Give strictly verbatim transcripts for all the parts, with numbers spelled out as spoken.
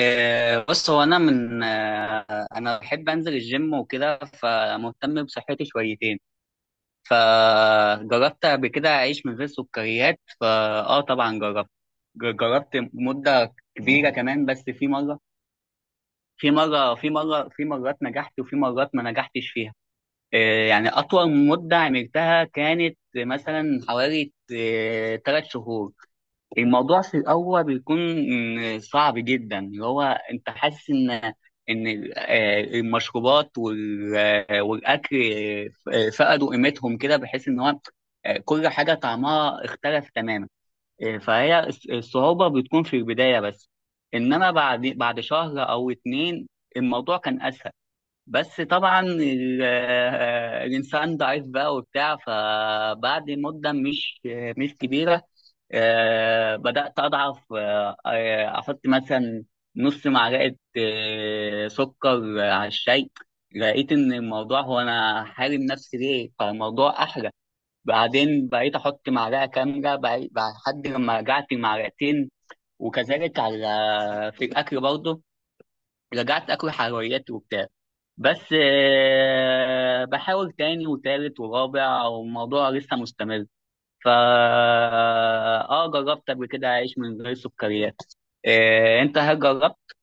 آه، بص هو انا من آه، انا بحب انزل الجيم وكده فمهتم بصحتي شويتين. فجربت قبل كده اعيش من غير سكريات فاه طبعا جربت ج- جربت مده كبيره كمان، بس في مره في مره في مره في مرات نجحت وفي مرات ما نجحتش فيها. آه، يعني اطول مده عملتها كانت مثلا حوالي 3 شهور. الموضوع في الأول بيكون م- صعب جدا، اللي هو أنت حاسس إن إن ال- آه، المشروبات وال- آه، والأكل آه، فقدوا قيمتهم كده، بحيث إن هو آه، كل حاجة طعمها اختلف تماما. آه، فهي الص- الصعوبة بتكون في البداية بس، إنما بعد بعد شهر أو اتنين الموضوع كان أسهل. بس طبعا ال- آه، الانسان ضعيف بقى وبتاع، فبعد مده مش مش كبيره آه، بدات اضعف. آه، آه، احط مثلا نص معلقه آه، سكر على الشاي، لقيت ان الموضوع هو انا حارم نفسي ليه فالموضوع احلى. بعدين بقيت احط معلقه كامله بقى- بقى- لحد لما رجعت معلقتين، وكذلك على في الاكل برضه، رجعت اكل حلويات وبتاع. بس آه، بحاول تاني وتالت ورابع والموضوع لسه مستمر. فا اه جربت قبل كده اعيش من غير سكريات. آه، انت هل جربت؟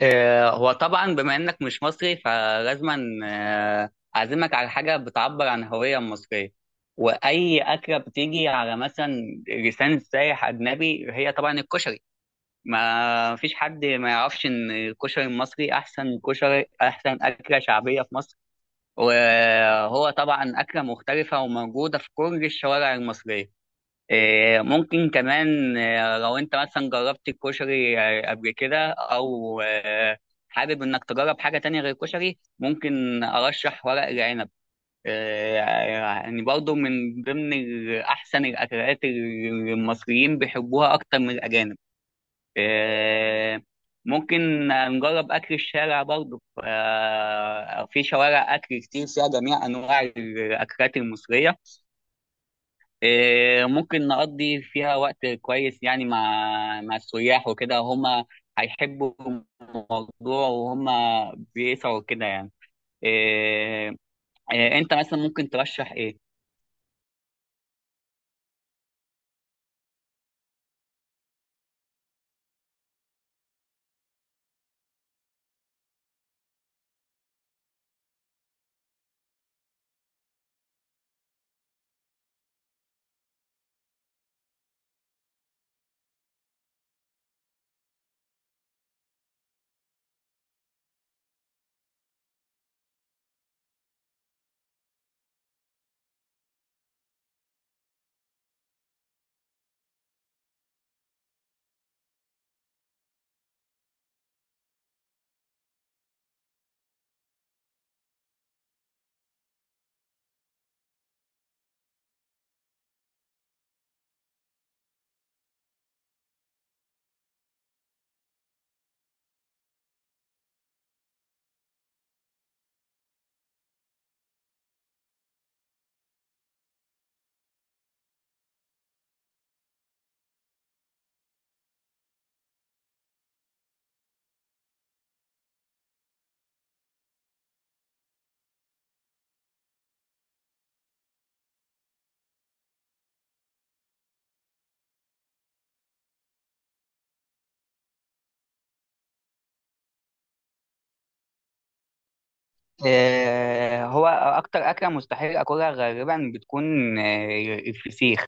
آه، هو طبعا بما انك مش مصري فلازما آه، اعزمك على حاجه بتعبر عن الهويه المصريه. واي اكله بتيجي على مثلا لسان سايح اجنبي هي طبعا الكشري. ما فيش حد ما يعرفش ان الكشري المصري احسن كشري، احسن اكله شعبيه في مصر. وهو طبعا اكله مختلفه وموجوده في كل الشوارع المصريه. إيه، ممكن كمان إيه، لو انت مثلا جربت الكشري إيه، قبل كده او إيه، حابب انك تجرب حاجه تانية غير الكشري، ممكن ارشح ورق العنب. إيه، يعني برضه من ضمن احسن الاكلات اللي المصريين بيحبوها اكتر من الاجانب. آه، ممكن نجرب أكل الشارع برضه. آه، في شوارع أكل كتير فيها جميع أنواع الأكلات المصرية. آه، ممكن نقضي فيها وقت كويس، يعني مع مع السياح وكده هما هيحبوا الموضوع وهما بيسعوا كده يعني. آه، آه، أنت مثلا ممكن ترشح إيه؟ آه، هو أكتر أكلة مستحيل أكلها غالبا بتكون آه، الفسيخ.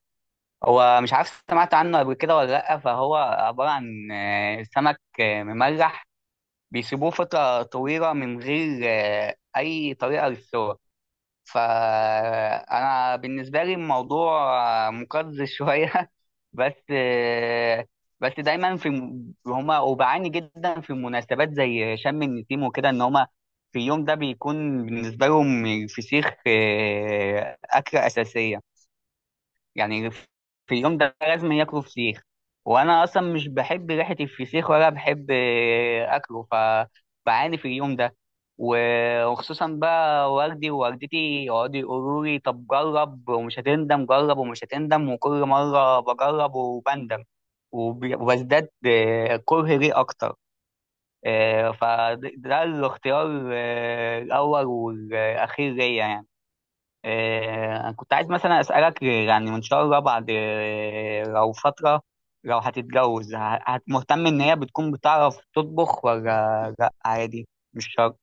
هو مش عارف سمعت عنه قبل كده ولا لأ، فهو عبارة عن آه، سمك آه، مملح بيسيبوه فترة طويلة من غير آه، أي طريقة للسوى. فأنا بالنسبة لي الموضوع آه، مقزز شوية بس آه، بس دايما في الم- هما وبعاني جدا في مناسبات زي شم النسيم وكده، إن هما في اليوم ده بيكون بالنسبة لهم الفسيخ آه، أكلة أساسية. يعني في اليوم ده لازم ياكلوا فسيخ. وانا اصلا مش بحب ريحه الفسيخ ولا بحب آه، اكله، فبعاني في اليوم ده. و- وخصوصا بقى والدي ووالدتي يقعدوا يقولوا لي طب جرب ومش هتندم، جرب ومش هتندم، وكل مره بجرب وبندم وب- وبزداد آه، كره ليه اكتر. آه، فده ده الاختيار آه، الاول والاخير ليا يعني. آه، أنا كنت عايز مثلا أسألك، يعني إن شاء الله بعد آه، لو فترة لو هتتجوز ه- هت- مهتم إن هي بتكون بتعرف تطبخ ولا لأ عادي؟ مش شرط.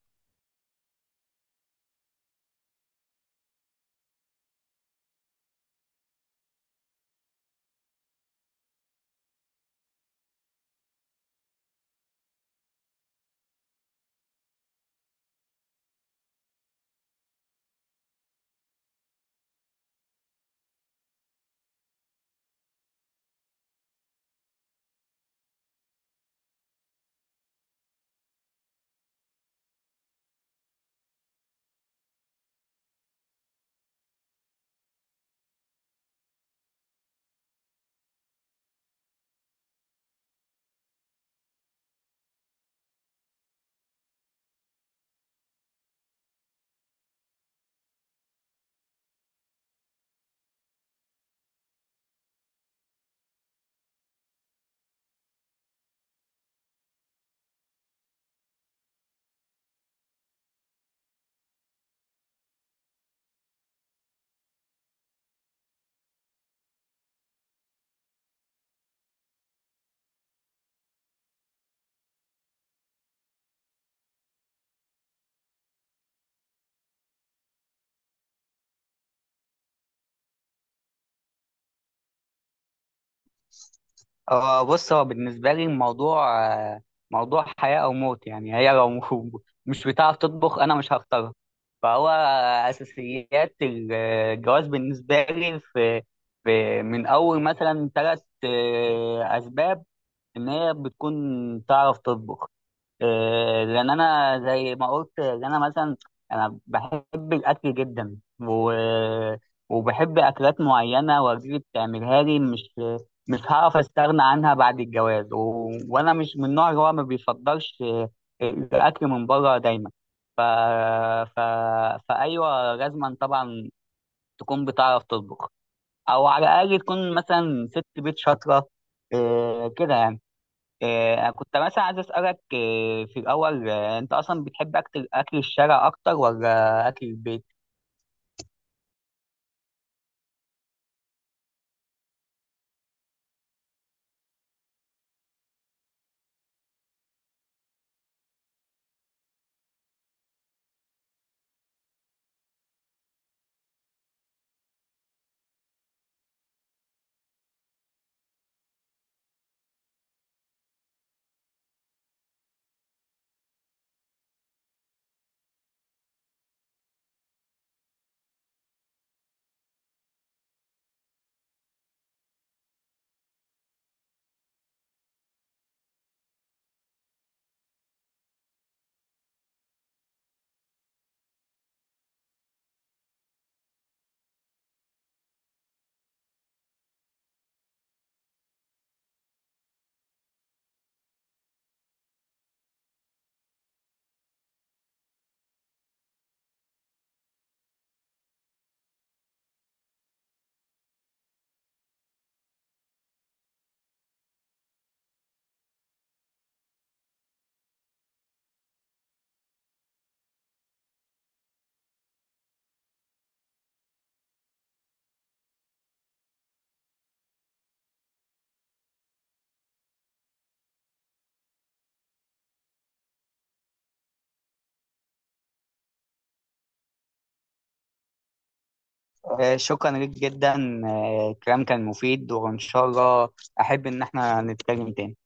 آه، بص هو بالنسبة لي الموضوع آه، موضوع حياة أو موت، يعني هي لو م- مش بتعرف تطبخ أنا مش هختارها. فهو أساسيات الجواز بالنسبة لي في في من أول مثلا ثلاث أسباب إن هي بتكون تعرف تطبخ. آه، لان انا زي ما قلت ان انا مثلا انا بحب الاكل جدا، و... وبحب اكلات معينه والدتي بتعملها لي، مش مش هعرف استغنى عنها بعد الجواز، و... وانا مش من النوع اللي هو ما بيفضلش آه، الاكل من بره دايما. ف... ف... فايوه لازما طبعا تكون بتعرف تطبخ، او على الاقل تكون مثلا ست بيت شاطره آه، كده يعني. آه، كنت مثلا عايز أسألك آه، في الأول آه، أنت أصلا بتحب أكل أكل الشارع أكتر ولا أكل البيت؟ آه، شكرا ليك جدا. آه، الكلام كان مفيد وإن شاء الله أحب إن إحنا نتكلم تاني.